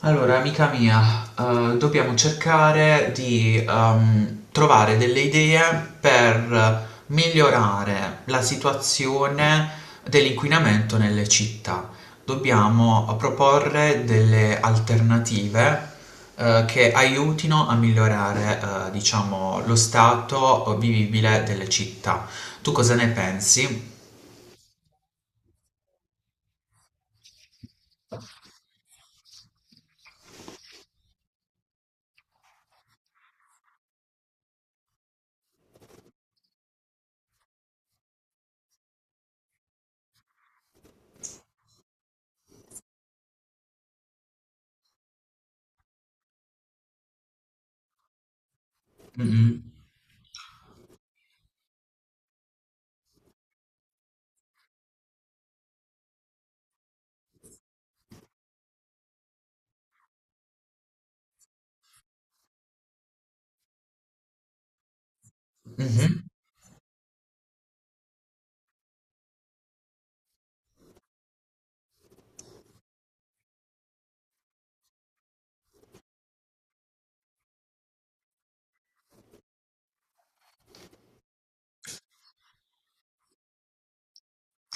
Allora, amica mia, dobbiamo cercare di trovare delle idee per migliorare la situazione dell'inquinamento nelle città. Dobbiamo proporre delle alternative che aiutino a migliorare, diciamo, lo stato vivibile delle città. Tu cosa ne pensi? Mm-mm. Mhm.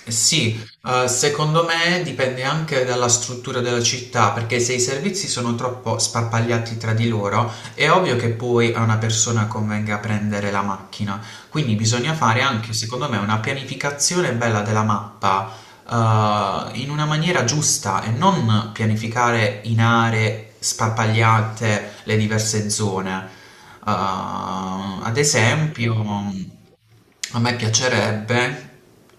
Eh sì, secondo me dipende anche dalla struttura della città, perché se i servizi sono troppo sparpagliati tra di loro, è ovvio che poi a una persona convenga prendere la macchina. Quindi bisogna fare anche, secondo me, una pianificazione bella della mappa in una maniera giusta e non pianificare in aree sparpagliate le diverse zone. Eh, ad esempio, a me piacerebbe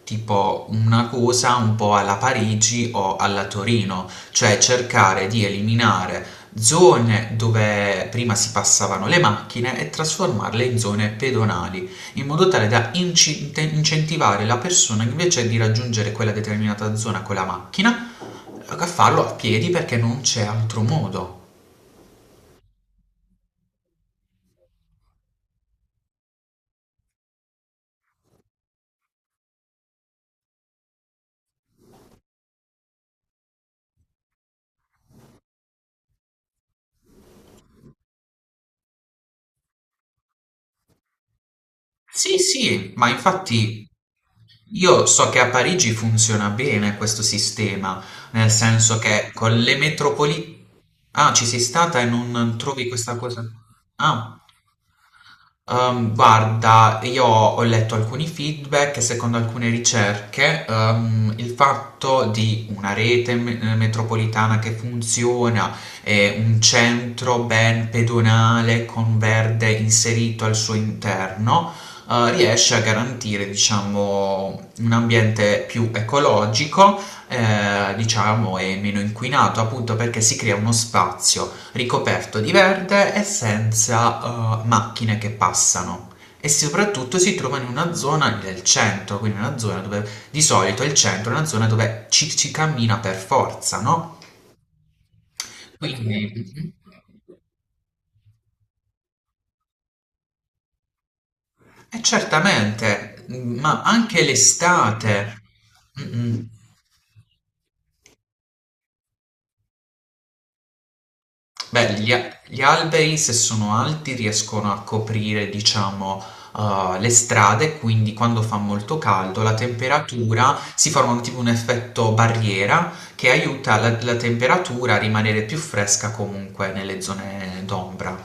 tipo una cosa un po' alla Parigi o alla Torino, cioè cercare di eliminare zone dove prima si passavano le macchine e trasformarle in zone pedonali in modo tale da incentivare la persona invece di raggiungere quella determinata zona con la macchina a farlo a piedi perché non c'è altro modo. Sì, sì, ma infatti io so che a Parigi funziona bene questo sistema, nel senso che con le metropoli... Ah, ci sei stata e non trovi questa cosa? Ah. Guarda, io ho letto alcuni feedback e secondo alcune ricerche, il fatto di una rete metropolitana che funziona e un centro ben pedonale con verde inserito al suo interno, riesce a garantire, diciamo, un ambiente più ecologico, diciamo, e meno inquinato, appunto perché si crea uno spazio ricoperto di verde e senza macchine che passano e soprattutto si trova in una zona del centro, quindi una zona dove di solito il centro è una zona dove ci si cammina per forza, no? Quindi, praticamente. Mhm. E certamente, ma anche l'estate. Mm, mm. Beh, gli alberi, se sono alti, riescono a coprire, diciamo, le strade, quindi quando fa molto caldo la temperatura si forma tipo un effetto barriera che aiuta la temperatura a rimanere più fresca comunque nelle zone d'ombra.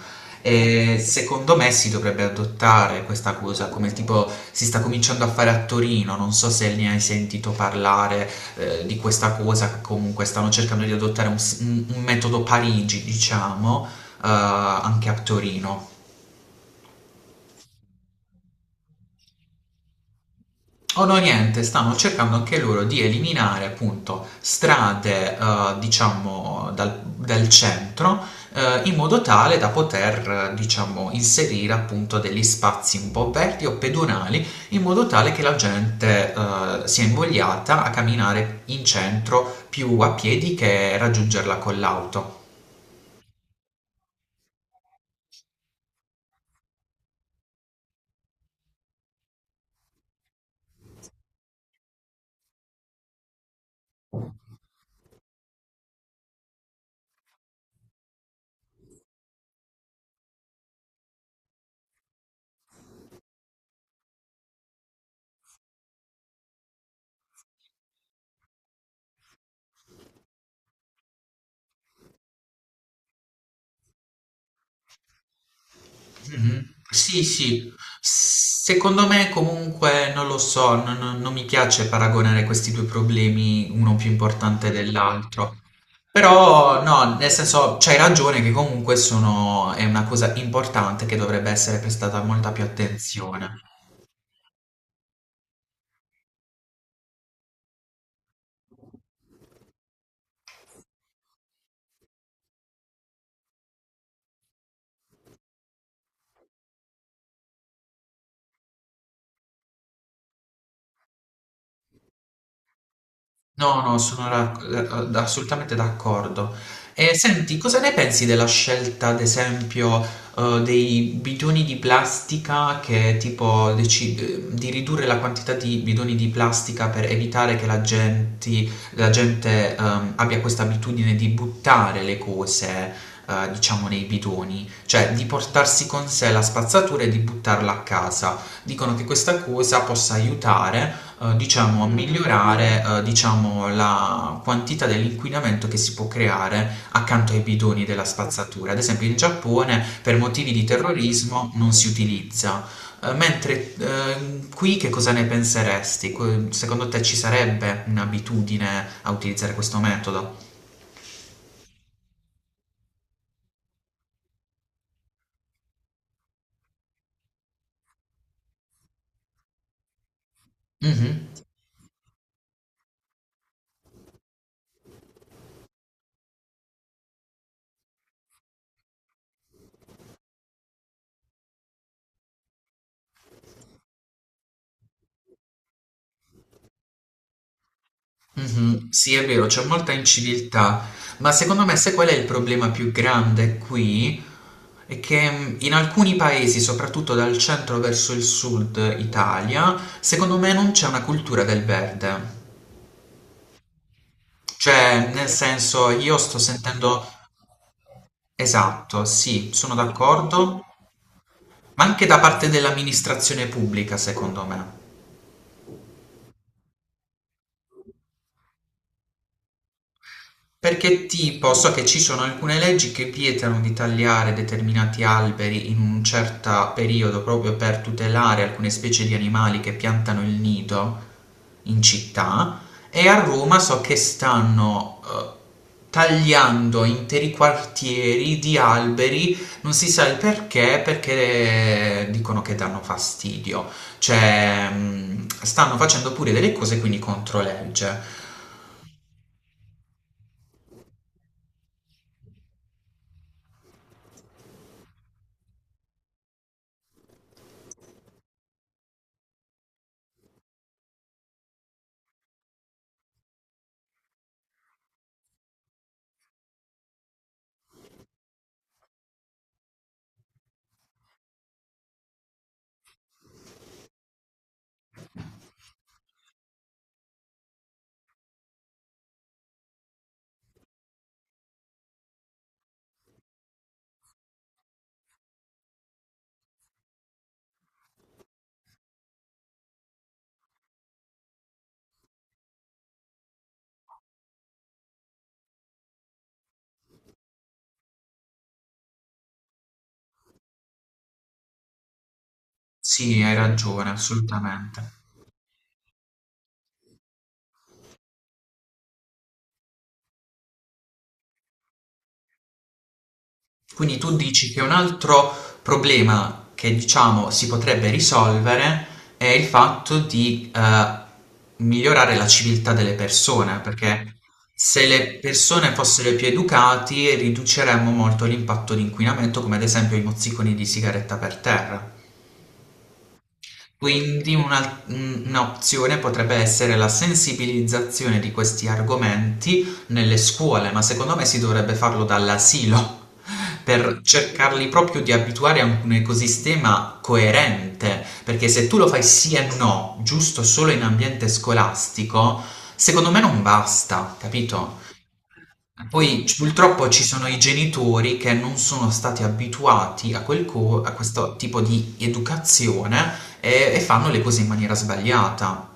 E secondo me si dovrebbe adottare questa cosa, come tipo si sta cominciando a fare a Torino, non so se ne hai sentito parlare, di questa cosa che comunque stanno cercando di adottare un metodo Parigi, diciamo, anche a Torino. O no, niente, stanno cercando anche loro di eliminare appunto strade, diciamo, dal centro, in modo tale da poter, diciamo, inserire appunto degli spazi un po' aperti o pedonali, in modo tale che la gente, sia invogliata a camminare in centro più a piedi che raggiungerla con l'auto. Mh-mh. Sì, sì. Secondo me comunque non lo so, non mi piace paragonare questi 2 problemi, uno più importante dell'altro. Però no, nel senso c'hai ragione che comunque sono è una cosa importante che dovrebbe essere prestata molta più attenzione. No, no, assolutamente d'accordo. E senti, cosa ne pensi della scelta, ad esempio, dei bidoni di plastica che tipo di ridurre la quantità di bidoni di plastica per evitare che la gente, abbia questa abitudine di buttare le cose, diciamo, nei bidoni, cioè di portarsi con sé la spazzatura e di buttarla a casa. Dicono che questa cosa possa aiutare diciamo, migliorare, diciamo, la quantità dell'inquinamento che si può creare accanto ai bidoni della spazzatura. Ad esempio, in Giappone per motivi di terrorismo non si utilizza. Mentre qui che cosa ne penseresti? Que- Secondo te ci sarebbe un'abitudine a utilizzare questo metodo? Mhm. Mhm, sì, è vero, c'è molta inciviltà, ma secondo me sai qual è il problema più grande qui? È che in alcuni paesi, soprattutto dal centro verso il sud Italia, secondo me non c'è una cultura del verde. Cioè, nel senso, io sto sentendo... Esatto, sì, sono d'accordo, ma anche da parte dell'amministrazione pubblica, secondo me. Perché tipo so che ci sono alcune leggi che vietano di tagliare determinati alberi in un certo periodo proprio per tutelare alcune specie di animali che piantano il nido in città e a Roma so che stanno tagliando interi quartieri di alberi, non si sa il perché, perché dicono che danno fastidio, cioè mm, stanno facendo pure delle cose quindi contro legge. Sì, hai ragione, assolutamente. Quindi tu dici che un altro problema che diciamo si potrebbe risolvere è il fatto di migliorare la civiltà delle persone, perché se le persone fossero più educate riduceremmo molto l'impatto di inquinamento, come ad esempio i mozziconi di sigaretta per terra. Quindi un'opzione potrebbe essere la sensibilizzazione di questi argomenti nelle scuole, ma secondo me si dovrebbe farlo dall'asilo per cercarli proprio di abituare a un ecosistema coerente, perché se tu lo fai sì e no, giusto solo in ambiente scolastico, secondo me non basta, capito? Poi purtroppo ci sono i genitori che non sono stati abituati a questo tipo di educazione e fanno le cose in maniera sbagliata.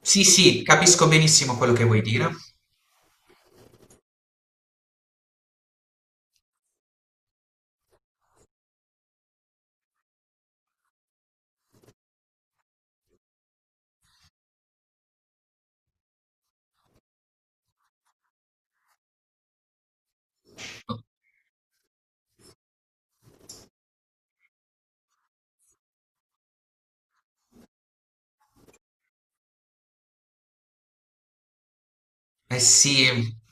Sì, sì, capisco benissimo quello che vuoi dire. Eh sì,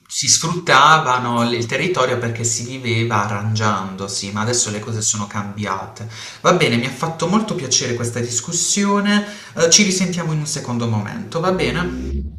si sfruttavano il territorio perché si viveva arrangiandosi, ma adesso le cose sono cambiate. Va bene, mi ha fatto molto piacere questa discussione. Ci risentiamo in un secondo momento, va bene?